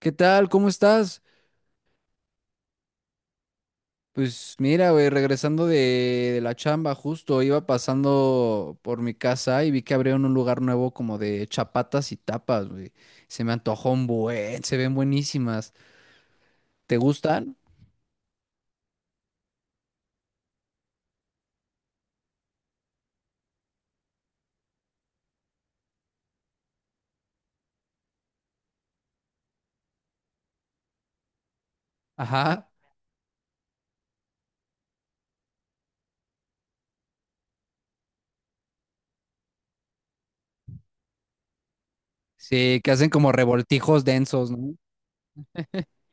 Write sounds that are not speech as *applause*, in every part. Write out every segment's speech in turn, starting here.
¿Qué tal? ¿Cómo estás? Pues mira, güey, regresando de la chamba, justo iba pasando por mi casa y vi que abrieron un lugar nuevo como de chapatas y tapas, güey. Se me antojó un buen, se ven buenísimas. ¿Te gustan? Ajá. Sí, que hacen como revoltijos densos, ¿no? *laughs*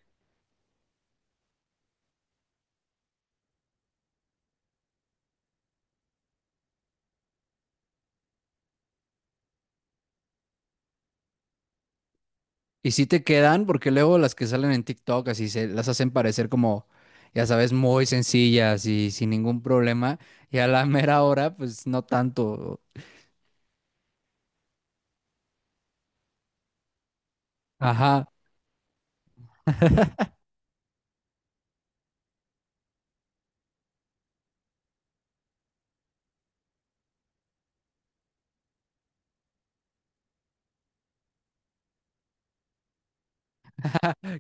Y sí te quedan, porque luego las que salen en TikTok así se las hacen parecer como, ya sabes, muy sencillas y sin ningún problema. Y a la mera hora, pues no tanto. Ajá,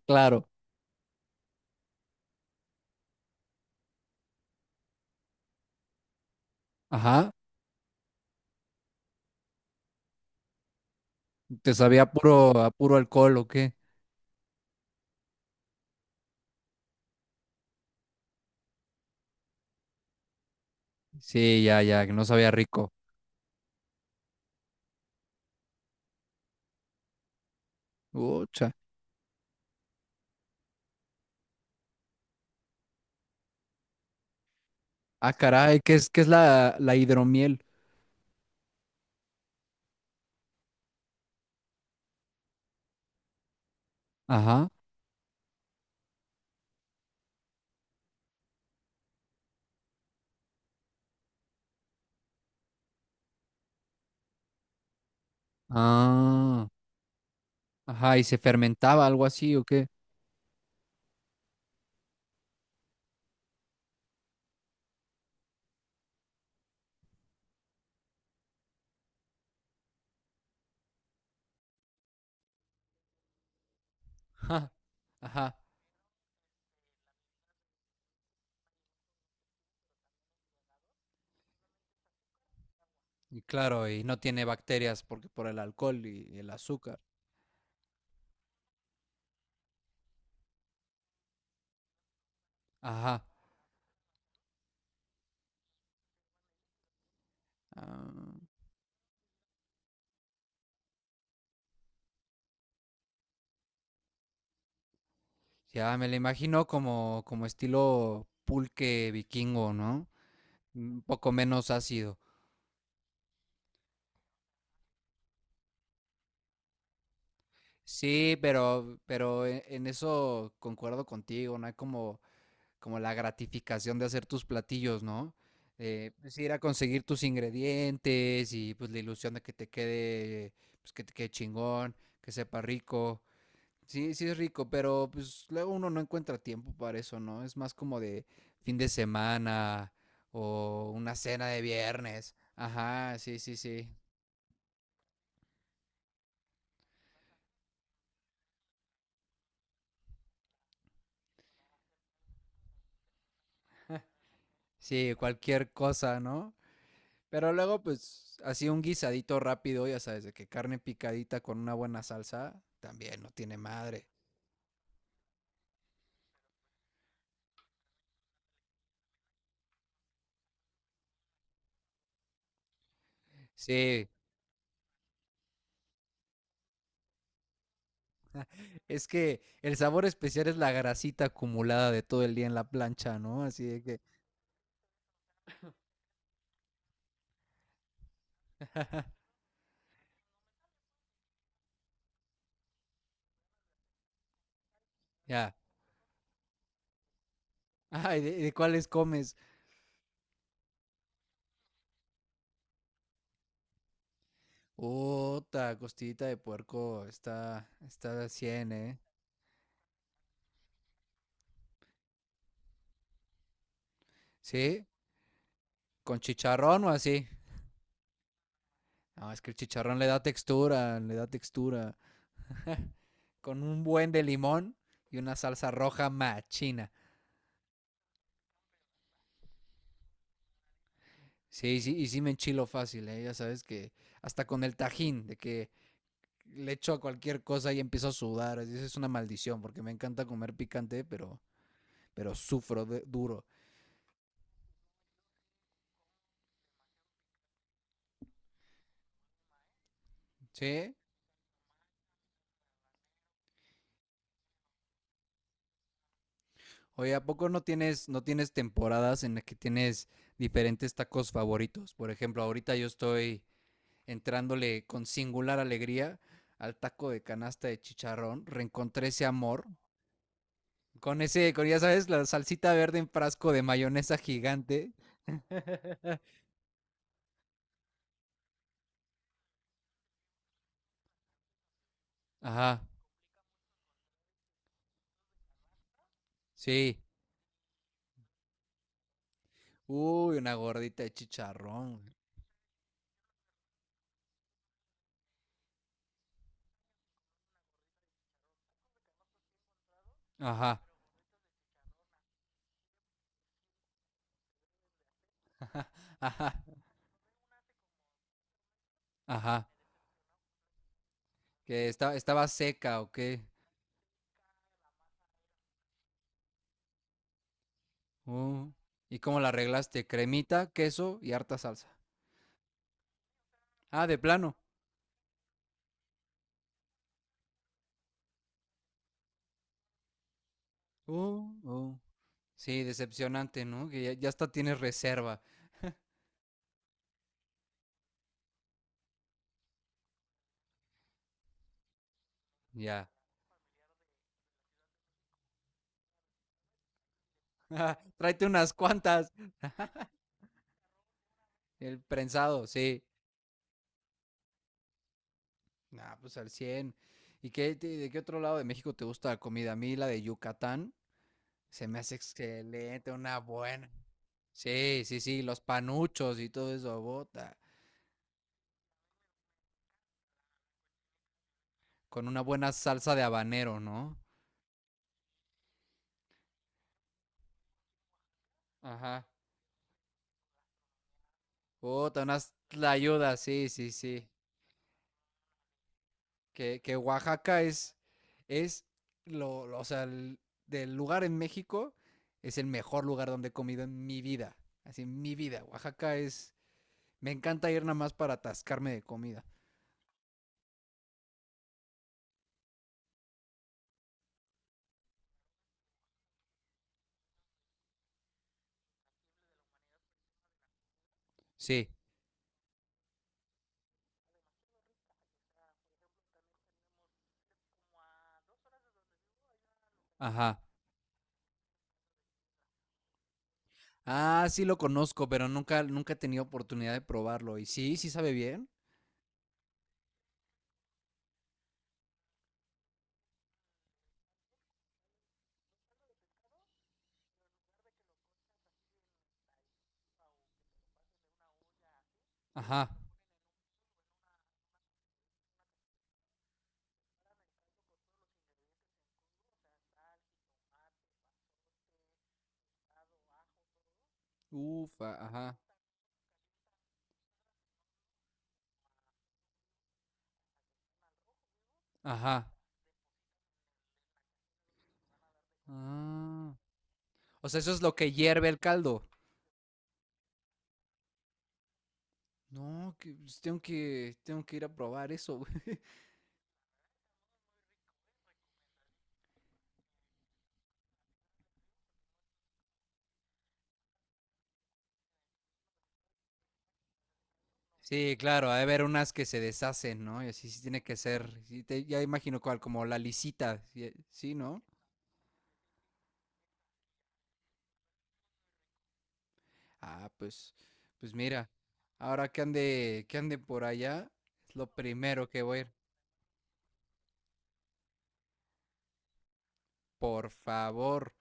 claro. Ajá, te sabía puro, a puro alcohol o qué. Sí, ya, ya, que no sabía rico. Ucha. Ah, caray, qué es la hidromiel? Ajá. Ah, ajá, y se fermentaba algo así o qué. Ja, ajá, y claro, y no tiene bacterias porque por el alcohol y el azúcar. Ajá. Ah, ya me la imagino como, como estilo pulque vikingo, ¿no? Un poco menos ácido. Sí, pero en eso concuerdo contigo, no hay como, como la gratificación de hacer tus platillos, ¿no? Pues ir a conseguir tus ingredientes y pues la ilusión de que te quede, pues que te quede chingón, que sepa rico. Sí, sí es rico, pero pues luego uno no encuentra tiempo para eso, ¿no? Es más como de fin de semana o una cena de viernes. Ajá, sí, sí, sí. Sí, cualquier cosa, ¿no? Pero luego, pues, así un guisadito rápido, ya sabes, de que carne picadita con una buena salsa, también no tiene madre. Sí, es que el sabor especial es la grasita acumulada de todo el día en la plancha, ¿no? Así de que, *laughs* ya. Ay, de cuáles comes? Puta, costillita de puerco, está, está al 100, ¿eh? Sí, con chicharrón o así. No, es que el chicharrón le da textura, le da textura. Con un buen de limón y una salsa roja machina. Sí, sí, y sí me enchilo fácil, ¿eh? Ya sabes que hasta con el tajín, de que le echo a cualquier cosa y empiezo a sudar. Así, eso es una maldición, porque me encanta comer picante, pero duro. ¿Sí? Oye, ¿a poco no tienes, no tienes temporadas en las que tienes diferentes tacos favoritos? Por ejemplo, ahorita yo estoy entrándole con singular alegría al taco de canasta de chicharrón. Reencontré ese amor. Con ese, con ya sabes, la salsita verde en frasco de mayonesa gigante. Ajá. Sí. Uy, una gordita de chicharrón. Ajá. *laughs* Ajá. Ajá. Estaba seca o qué. Uh, ¿Y cómo la arreglaste? Cremita, queso y harta salsa. Ah, de plano. Uh, uh. Sí, decepcionante, ¿no? Que ya, ya hasta tienes reserva. Ya. Tráete unas cuantas. El prensado, sí. Ah, pues al cien. ¿Y qué, de qué otro lado de México te gusta la comida? A mí la de Yucatán se me hace excelente, una buena. Sí, sí, sí, los panuchos y todo eso, bota. Con una buena salsa de habanero, ¿no? Ajá. Bota, unas tlayudas, sí, sí, sí. Que Oaxaca es o sea, del lugar en México, es el mejor lugar donde he comido en mi vida. Así, en mi vida. Oaxaca es, me encanta ir nada más para atascarme de comida. Sí, ajá. Ah, sí lo conozco, pero nunca, nunca he tenido oportunidad de probarlo. Y sí, sí sabe bien. Ajá. Ufa, ajá. Ajá. Ah. O sea, eso es lo que hierve el caldo. No, que, pues, tengo que ir a probar eso, güey. *laughs* Sí, claro, ha de haber unas que se deshacen, ¿no? Y así sí tiene que ser. Ya imagino cuál, como la lisita. Sí, sí, ¿no? Ah, pues, pues mira. Ahora que ande por allá, es lo primero que voy a ir. Por favor.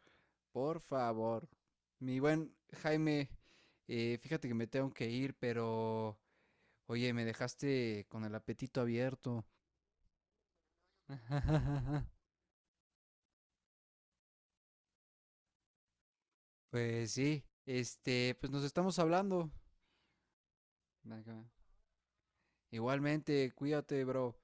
Por favor. Mi buen Jaime, fíjate que me tengo que ir, pero oye, me dejaste con el apetito abierto. *laughs* Pues sí, pues nos estamos hablando. Igualmente, cuídate, bro.